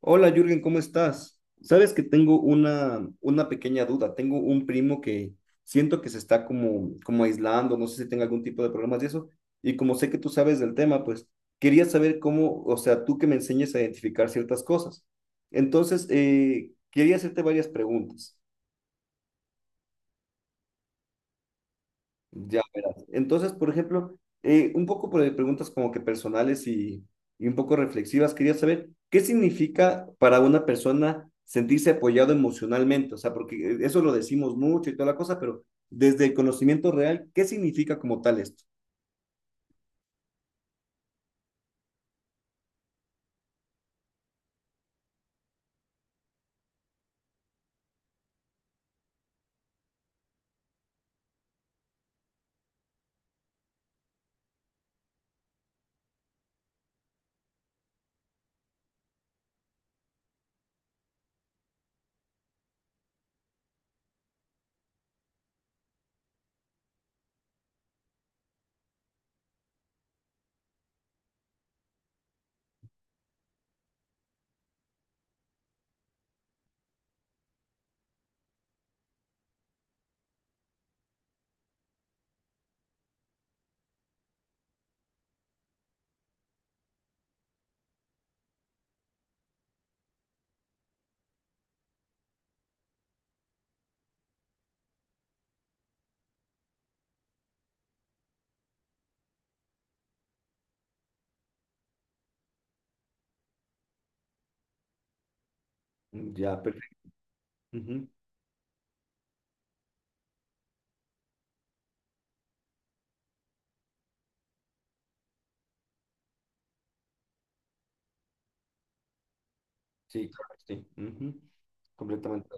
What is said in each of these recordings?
Hola Jürgen, ¿cómo estás? Sabes que tengo una pequeña duda. Tengo un primo que siento que se está como aislando, no sé si tenga algún tipo de problemas de eso. Y como sé que tú sabes del tema, pues quería saber cómo, o sea, tú que me enseñes a identificar ciertas cosas. Entonces, quería hacerte varias preguntas. Ya verás. Entonces, por ejemplo, un poco de preguntas como que personales y un poco reflexivas, quería saber qué significa para una persona sentirse apoyado emocionalmente, o sea, porque eso lo decimos mucho y toda la cosa, pero desde el conocimiento real, ¿qué significa como tal esto? Ya, perfecto. Ujú. Sí, claro, sí. Ujú. Completamente.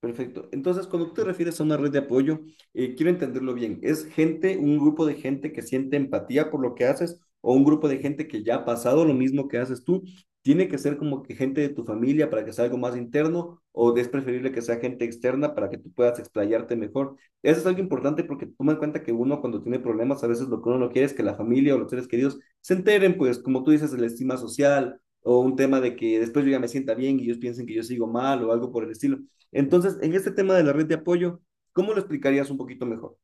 Perfecto. Entonces, cuando tú te refieres a una red de apoyo, quiero entenderlo bien. ¿Es gente, un grupo de gente que siente empatía por lo que haces o un grupo de gente que ya ha pasado lo mismo que haces tú? ¿Tiene que ser como que gente de tu familia para que sea algo más interno o es preferible que sea gente externa para que tú puedas explayarte mejor? Eso es algo importante porque toma en cuenta que uno cuando tiene problemas, a veces lo que uno no quiere es que la familia o los seres queridos se enteren, pues como tú dices, de la estima social o un tema de que después yo ya me sienta bien y ellos piensen que yo sigo mal o algo por el estilo. Entonces, en este tema de la red de apoyo, ¿cómo lo explicarías un poquito mejor?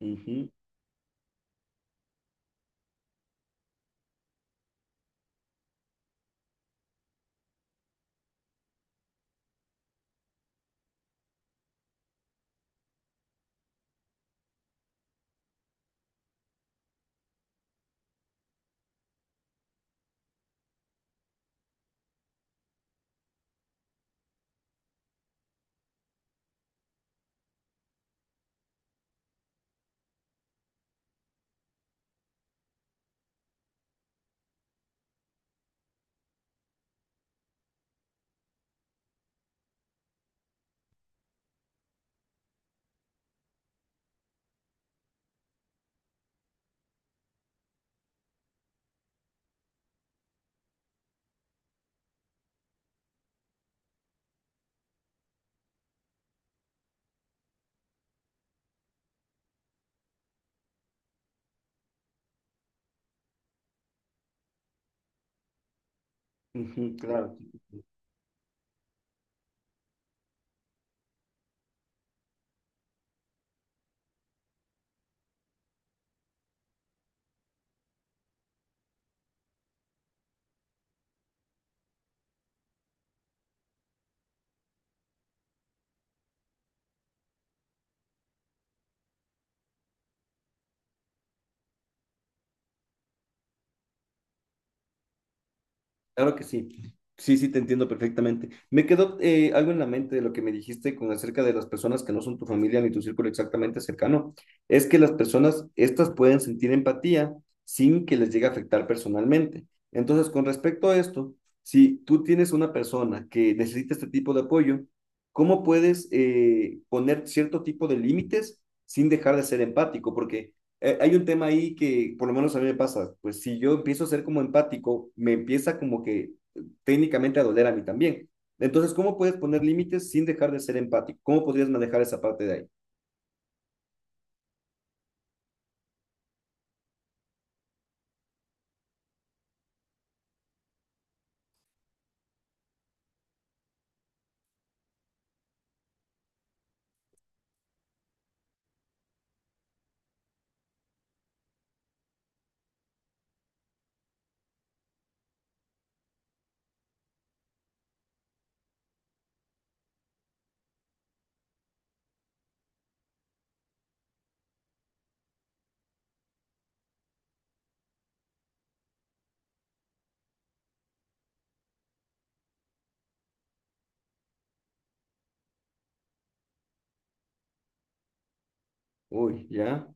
Ujú, ujú, claro. Claro que sí. Sí, sí, te entiendo perfectamente. Me quedó algo en la mente de lo que me dijiste con acerca de las personas que no son tu familia ni tu círculo exactamente cercano. Es que las personas, estas pueden sentir empatía sin que les llegue a afectar personalmente. Entonces, con respecto a esto, si tú tienes una persona que necesita este tipo de apoyo, ¿cómo puedes poner cierto tipo de límites sin dejar de ser empático? Porque hay un tema ahí que por lo menos a mí me pasa, pues si yo empiezo a ser como empático, me empieza como que técnicamente a doler a mí también. Entonces, ¿cómo puedes poner límites sin dejar de ser empático? ¿Cómo podrías manejar esa parte de ahí? Uy, ya.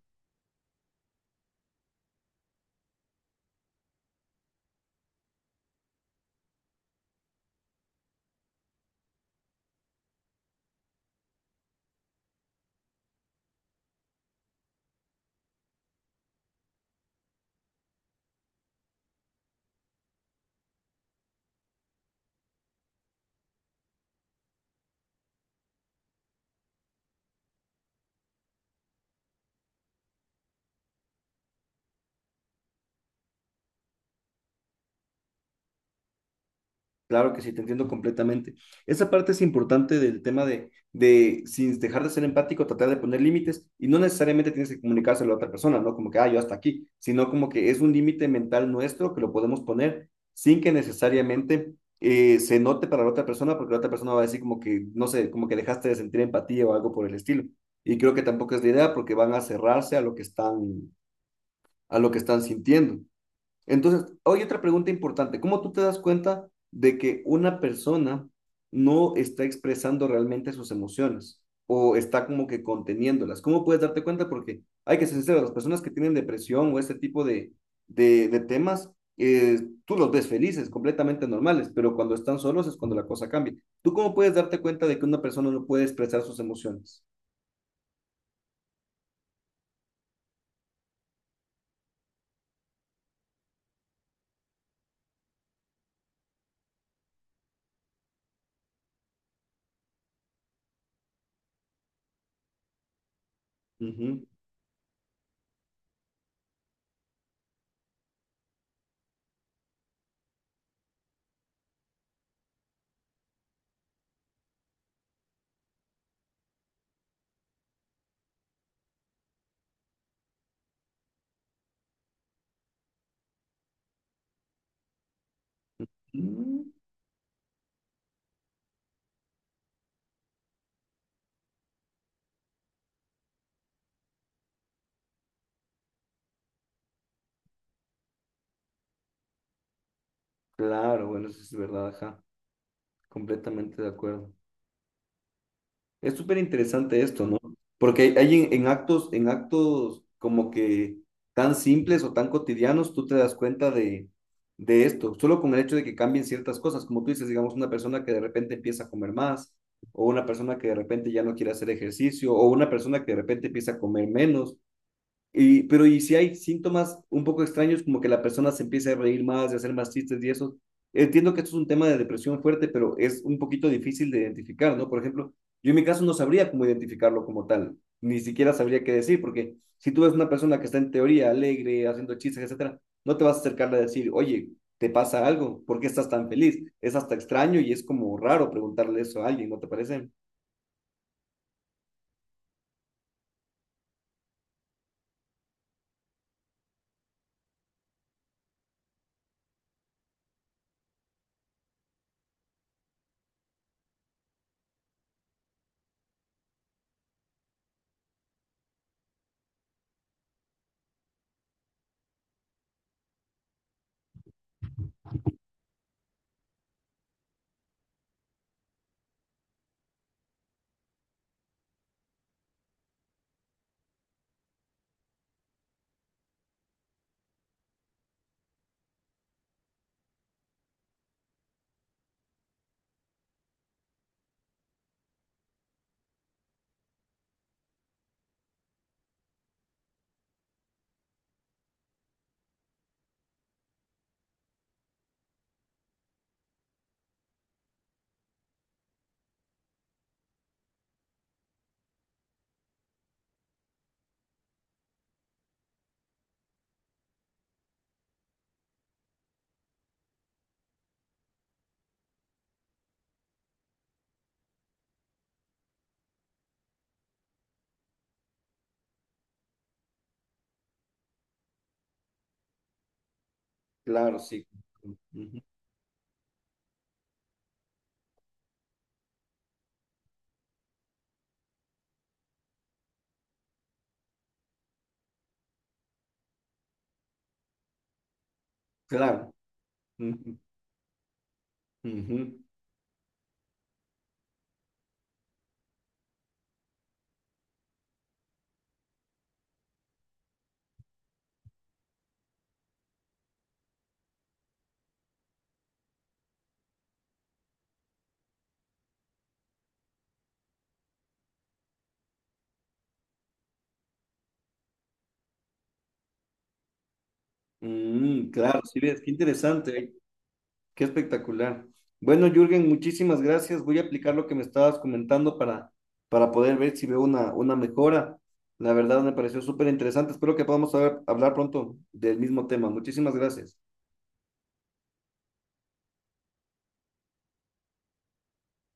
Claro que sí, te entiendo completamente. Esa parte es importante del tema sin dejar de ser empático, tratar de poner límites y no necesariamente tienes que comunicárselo a la otra persona, ¿no? Como que, ah, yo hasta aquí, sino como que es un límite mental nuestro que lo podemos poner sin que necesariamente se note para la otra persona, porque la otra persona va a decir como que, no sé, como que dejaste de sentir empatía o algo por el estilo. Y creo que tampoco es la idea porque van a cerrarse a lo que están, a lo que están sintiendo. Entonces, hay otra pregunta importante. ¿Cómo tú te das cuenta de que una persona no está expresando realmente sus emociones o está como que conteniéndolas? ¿Cómo puedes darte cuenta? Porque hay que ser sincero, las personas que tienen depresión o este tipo de temas, eh, tú los ves felices, completamente normales, pero cuando están solos es cuando la cosa cambia. ¿Tú cómo puedes darte cuenta de que una persona no puede expresar sus emociones? Ujú. Mm, claro, bueno, eso es verdad, ajá, completamente de acuerdo. Es súper interesante esto, ¿no? Porque hay en actos como que tan simples o tan cotidianos, tú te das cuenta de esto, solo con el hecho de que cambien ciertas cosas, como tú dices, digamos, una persona que de repente empieza a comer más, o una persona que de repente ya no quiere hacer ejercicio, o una persona que de repente empieza a comer menos, pero y si hay síntomas un poco extraños, como que la persona se empieza a reír más, de hacer más chistes y eso, entiendo que esto es un tema de depresión fuerte, pero es un poquito difícil de identificar, ¿no? Por ejemplo, yo en mi caso no sabría cómo identificarlo como tal, ni siquiera sabría qué decir, porque si tú ves una persona que está en teoría alegre, haciendo chistes, etcétera, no te vas a acercarle a decir, oye, ¿te pasa algo? ¿Por qué estás tan feliz? Es hasta extraño y es como raro preguntarle eso a alguien, ¿no te parece? Claro, sí. Ujú. Claro. Ujú. Ujú. Mm, claro, sí ves, qué interesante, ¿eh? Qué espectacular. Bueno, Jürgen, muchísimas gracias. Voy a aplicar lo que me estabas comentando para poder ver si veo una mejora. La verdad me pareció súper interesante. Espero que podamos hablar pronto del mismo tema. Muchísimas gracias.